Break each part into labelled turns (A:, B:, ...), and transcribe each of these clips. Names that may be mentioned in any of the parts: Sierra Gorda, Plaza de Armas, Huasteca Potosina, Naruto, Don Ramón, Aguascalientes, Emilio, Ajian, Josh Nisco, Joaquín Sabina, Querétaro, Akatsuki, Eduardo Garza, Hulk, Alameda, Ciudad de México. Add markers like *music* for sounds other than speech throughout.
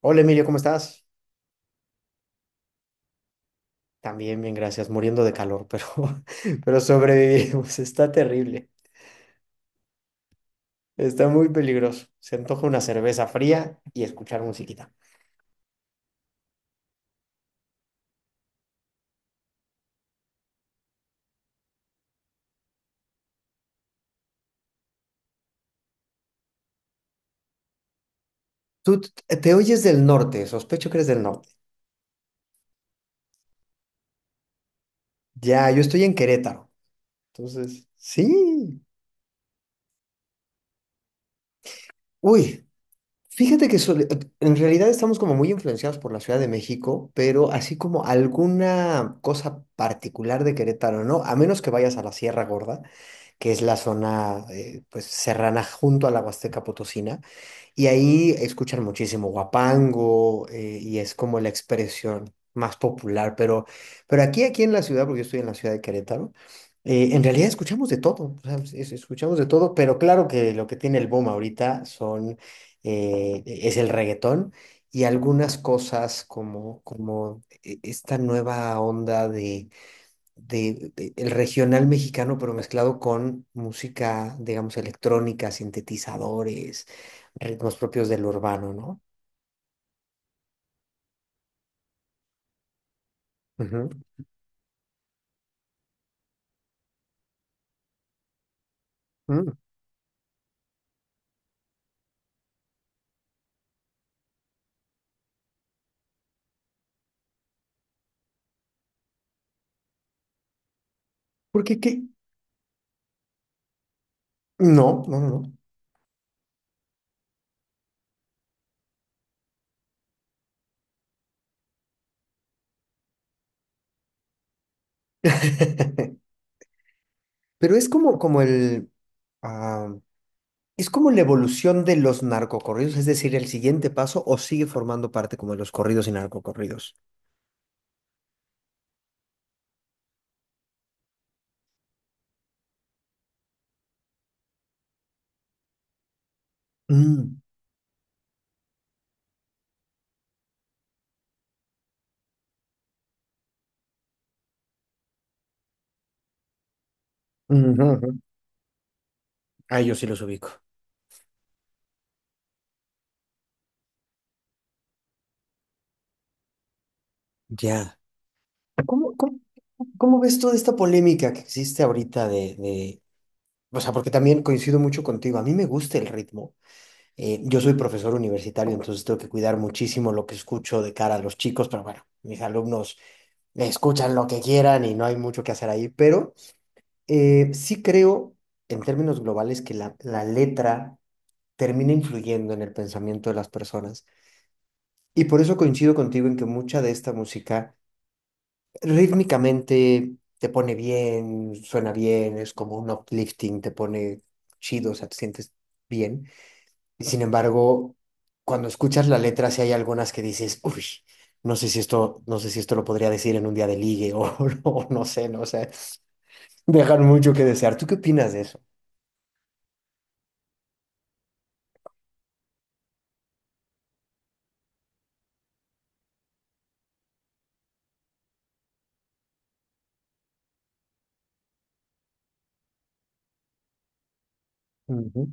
A: Hola Emilio, ¿cómo estás? También bien, gracias, muriendo de calor, pero, *laughs* pero sobrevivimos. Está terrible, está muy peligroso. Se antoja una cerveza fría y escuchar musiquita. Tú te oyes del norte, sospecho que eres del norte. Ya, yo estoy en Querétaro. Entonces, sí. Uy, fíjate que en realidad estamos como muy influenciados por la Ciudad de México, pero así como alguna cosa particular de Querétaro, ¿no? A menos que vayas a la Sierra Gorda, que es la zona pues serrana junto a la Huasteca Potosina, y ahí escuchan muchísimo huapango y es como la expresión más popular, pero aquí en la ciudad, porque yo estoy en la ciudad de Querétaro, en realidad escuchamos de todo, o sea, escuchamos de todo, pero claro que lo que tiene el boom ahorita es el reggaetón y algunas cosas como esta nueva onda el regional mexicano, pero mezclado con música, digamos, electrónica, sintetizadores, ritmos propios del urbano, ¿no? Ujú. Mm. ¿Porque qué? No, no, no. No. *laughs* Pero es ah, es como la evolución de los narcocorridos, es decir, el siguiente paso, o sigue formando parte como de los corridos y narcocorridos. Mm. Ujú, ujú. Ah, yo sí los ubico. Ya. ¿Cómo, cómo, cómo ves toda esta polémica que existe ahorita. O sea, porque también coincido mucho contigo. A mí me gusta el ritmo. Yo soy profesor universitario, entonces tengo que cuidar muchísimo lo que escucho de cara a los chicos, pero bueno, mis alumnos escuchan lo que quieran y no hay mucho que hacer ahí. Pero sí creo, en términos globales, que la letra termina influyendo en el pensamiento de las personas. Y por eso coincido contigo en que mucha de esta música rítmicamente te pone bien, suena bien, es como un uplifting, te pone chido, o sea, te sientes bien. Sin embargo, cuando escuchas la letra, sí hay algunas que dices, uy, no sé si esto lo podría decir en un día de ligue *laughs* o no sé. Dejan mucho que desear. ¿Tú qué opinas de eso? Ujú.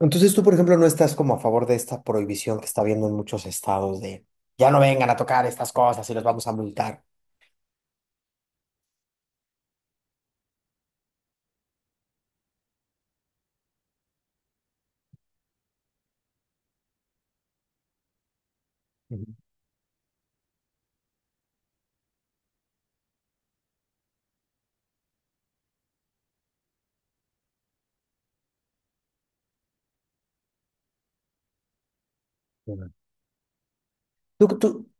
A: Entonces tú, por ejemplo, no estás como a favor de esta prohibición que está habiendo en muchos estados de ya no vengan a tocar estas cosas y los vamos a multar. Ujú, ujú. Lo que, tú-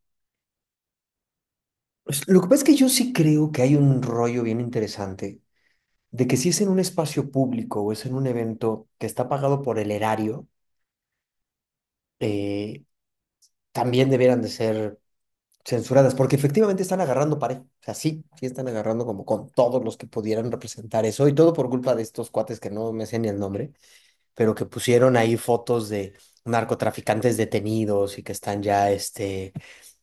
A: lo que pasa es que yo sí creo que hay un rollo bien interesante de que si es en un espacio público o es en un evento que está pagado por el erario, eh, también debieran de ser censuradas, porque efectivamente están agarrando parejo. O sea, sí, sí están agarrando como con todos los que pudieran representar eso y todo por culpa de estos cuates que no me sé ni el nombre, pero que pusieron ahí fotos de narcotraficantes detenidos y que están ya este,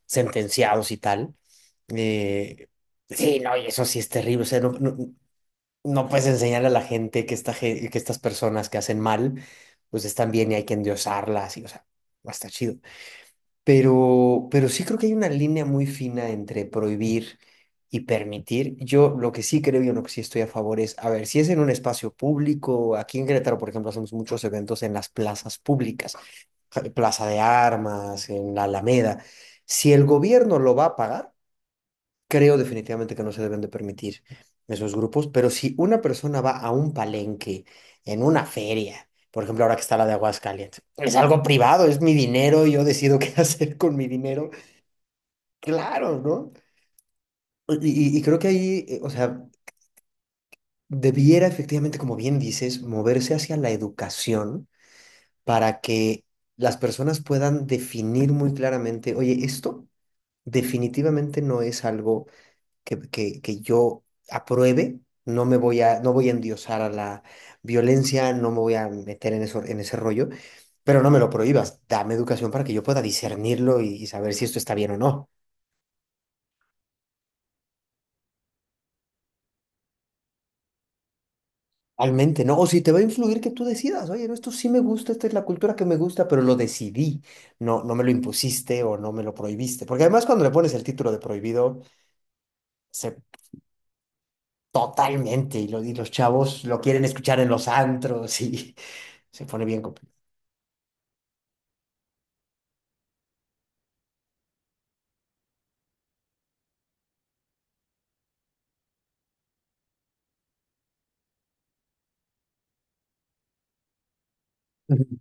A: sentenciados y tal. Eh, sí, no, y eso sí es terrible. O sea, no, no, no puedes enseñar a la gente que estas personas que hacen mal, pues están bien y hay que endiosarlas. Y, o sea, no está chido. Pero sí creo que hay una línea muy fina entre prohibir y permitir. Yo lo que sí creo y en lo que sí estoy a favor es, a ver, si es en un espacio público, aquí en Querétaro, por ejemplo, hacemos muchos eventos en las plazas públicas, Plaza de Armas, en la Alameda. Si el gobierno lo va a pagar, creo definitivamente que no se deben de permitir esos grupos, pero si una persona va a un palenque, en una feria, por ejemplo, ahora que está la de Aguascalientes. Es algo privado, es mi dinero, y yo decido *laughs* qué hacer con mi dinero. Claro, ¿no? Y creo que ahí, o sea, debiera efectivamente, como bien dices, moverse hacia la educación para que las personas puedan definir muy claramente, oye, esto definitivamente no es algo que yo apruebe, no voy a endiosar a la violencia, no me voy a meter en eso, en ese rollo, pero no me lo prohíbas, dame educación para que yo pueda discernirlo y saber si esto está bien o no. Realmente, ¿no? O si te va a influir que tú decidas, oye, no, esto sí me gusta, esta es la cultura que me gusta, pero lo decidí, no, no me lo impusiste o no me lo prohibiste. Porque además cuando le pones el título de prohibido, se totalmente, y los chavos lo quieren escuchar en los antros y *laughs* se pone bien complicado. Ujú.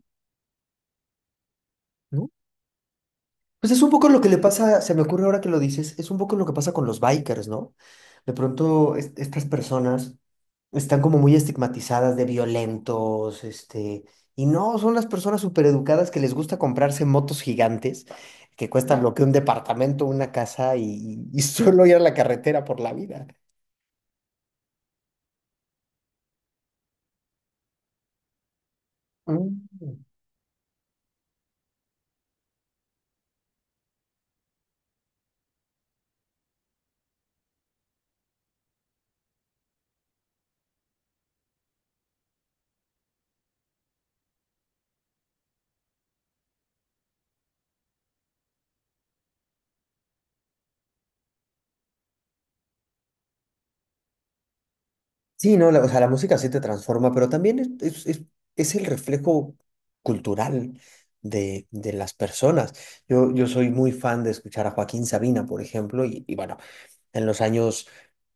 A: ¿No? Pues es un poco lo que le pasa, se me ocurre ahora que lo dices, es un poco lo que pasa con los bikers, ¿no? De pronto estas personas están como muy estigmatizadas de violentos, y no, son las personas súper educadas que les gusta comprarse motos gigantes que cuestan lo que un departamento, una casa, y *laughs* solo ir a la carretera por la vida. Mm. Sí, no, o sea, la música sí te transforma, pero también es el reflejo cultural de las personas. Yo soy muy fan de escuchar a Joaquín Sabina, por ejemplo, y bueno, en los años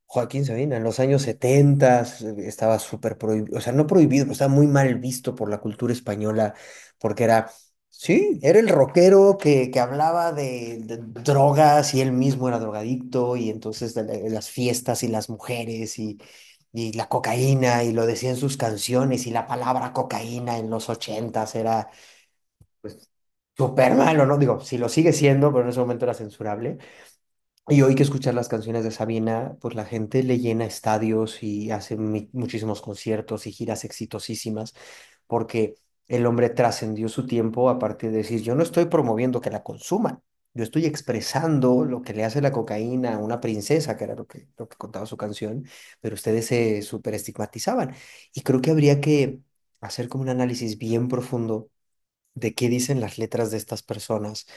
A: Joaquín Sabina, en los años 70 estaba súper prohibido, o sea, no prohibido, pero estaba muy mal visto por la cultura española, porque era, sí, era el rockero que hablaba de drogas y él mismo era drogadicto, y entonces de las fiestas y las mujeres, y la cocaína, y lo decía en sus canciones, y la palabra cocaína en los ochentas era, pues, súper malo, ¿no? Digo, si lo sigue siendo, pero en ese momento era censurable. Y hoy que escuchar las canciones de Sabina, pues la gente le llena estadios y hace muchísimos conciertos y giras exitosísimas, porque el hombre trascendió su tiempo a partir de decir, yo no estoy promoviendo que la consuman, yo estoy expresando lo que le hace la cocaína a una princesa, que era lo que contaba su canción, pero ustedes se súper estigmatizaban. Y creo que habría que hacer como un análisis bien profundo de qué dicen las letras de estas personas,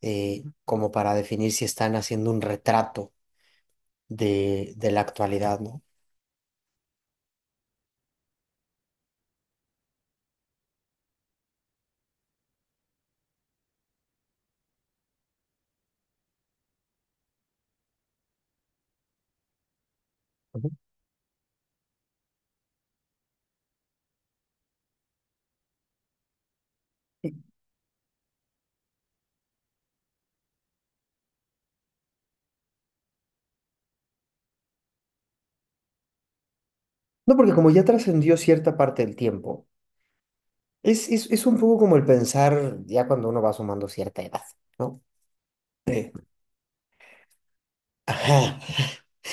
A: como para definir si están haciendo un retrato de la actualidad, ¿no? Ujú. Y- No, porque como ya trascendió cierta parte del tiempo, es un poco como el pensar ya cuando uno va sumando cierta edad, ¿no? De, *laughs* ajá,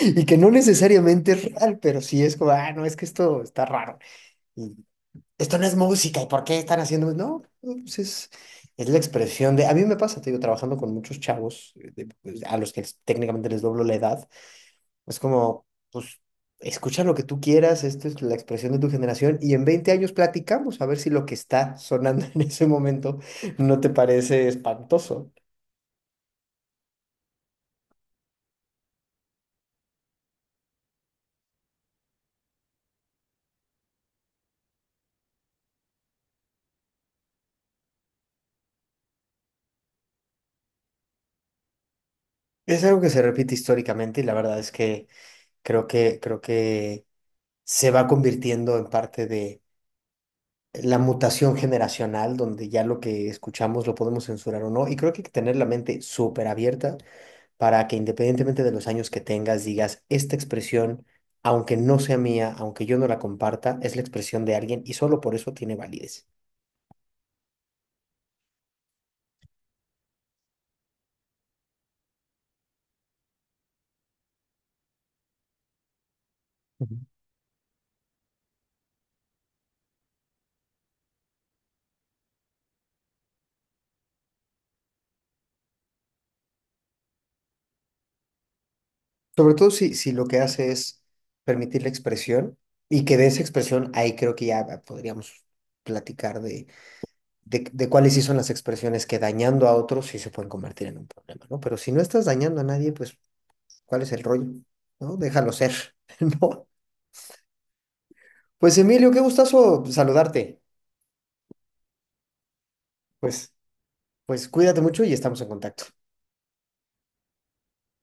A: y que no necesariamente es real, pero sí es como, ah, no, es que esto está raro. Y esto no es música, ¿y por qué están haciendo? No, pues es la expresión a mí me pasa, te digo, trabajando con muchos chavos pues, a los que técnicamente les doblo la edad. Es como, pues, escucha lo que tú quieras, esto es la expresión de tu generación y en 20 años platicamos a ver si lo que está sonando *laughs* en ese momento no te parece espantoso. Es algo que se repite históricamente y la verdad es que creo que se va convirtiendo en parte de la mutación generacional, donde ya lo que escuchamos lo podemos censurar o no. Y creo que hay que tener la mente súper abierta para que independientemente de los años que tengas, digas, esta expresión, aunque no sea mía, aunque yo no la comparta, es la expresión de alguien y solo por eso tiene validez. Ujú. Sobre todo si lo que hace es permitir la expresión y que de esa expresión, ahí creo que ya podríamos platicar de cuáles sí son las expresiones que dañando a otros sí se pueden convertir en un problema, ¿no? Pero si no estás dañando a nadie, pues, ¿cuál es el rollo? ¿No? Déjalo ser, *laughs* ¿no? Pues Emilio, qué gustazo saludarte. Pues Pues cuídate mucho y estamos en contacto.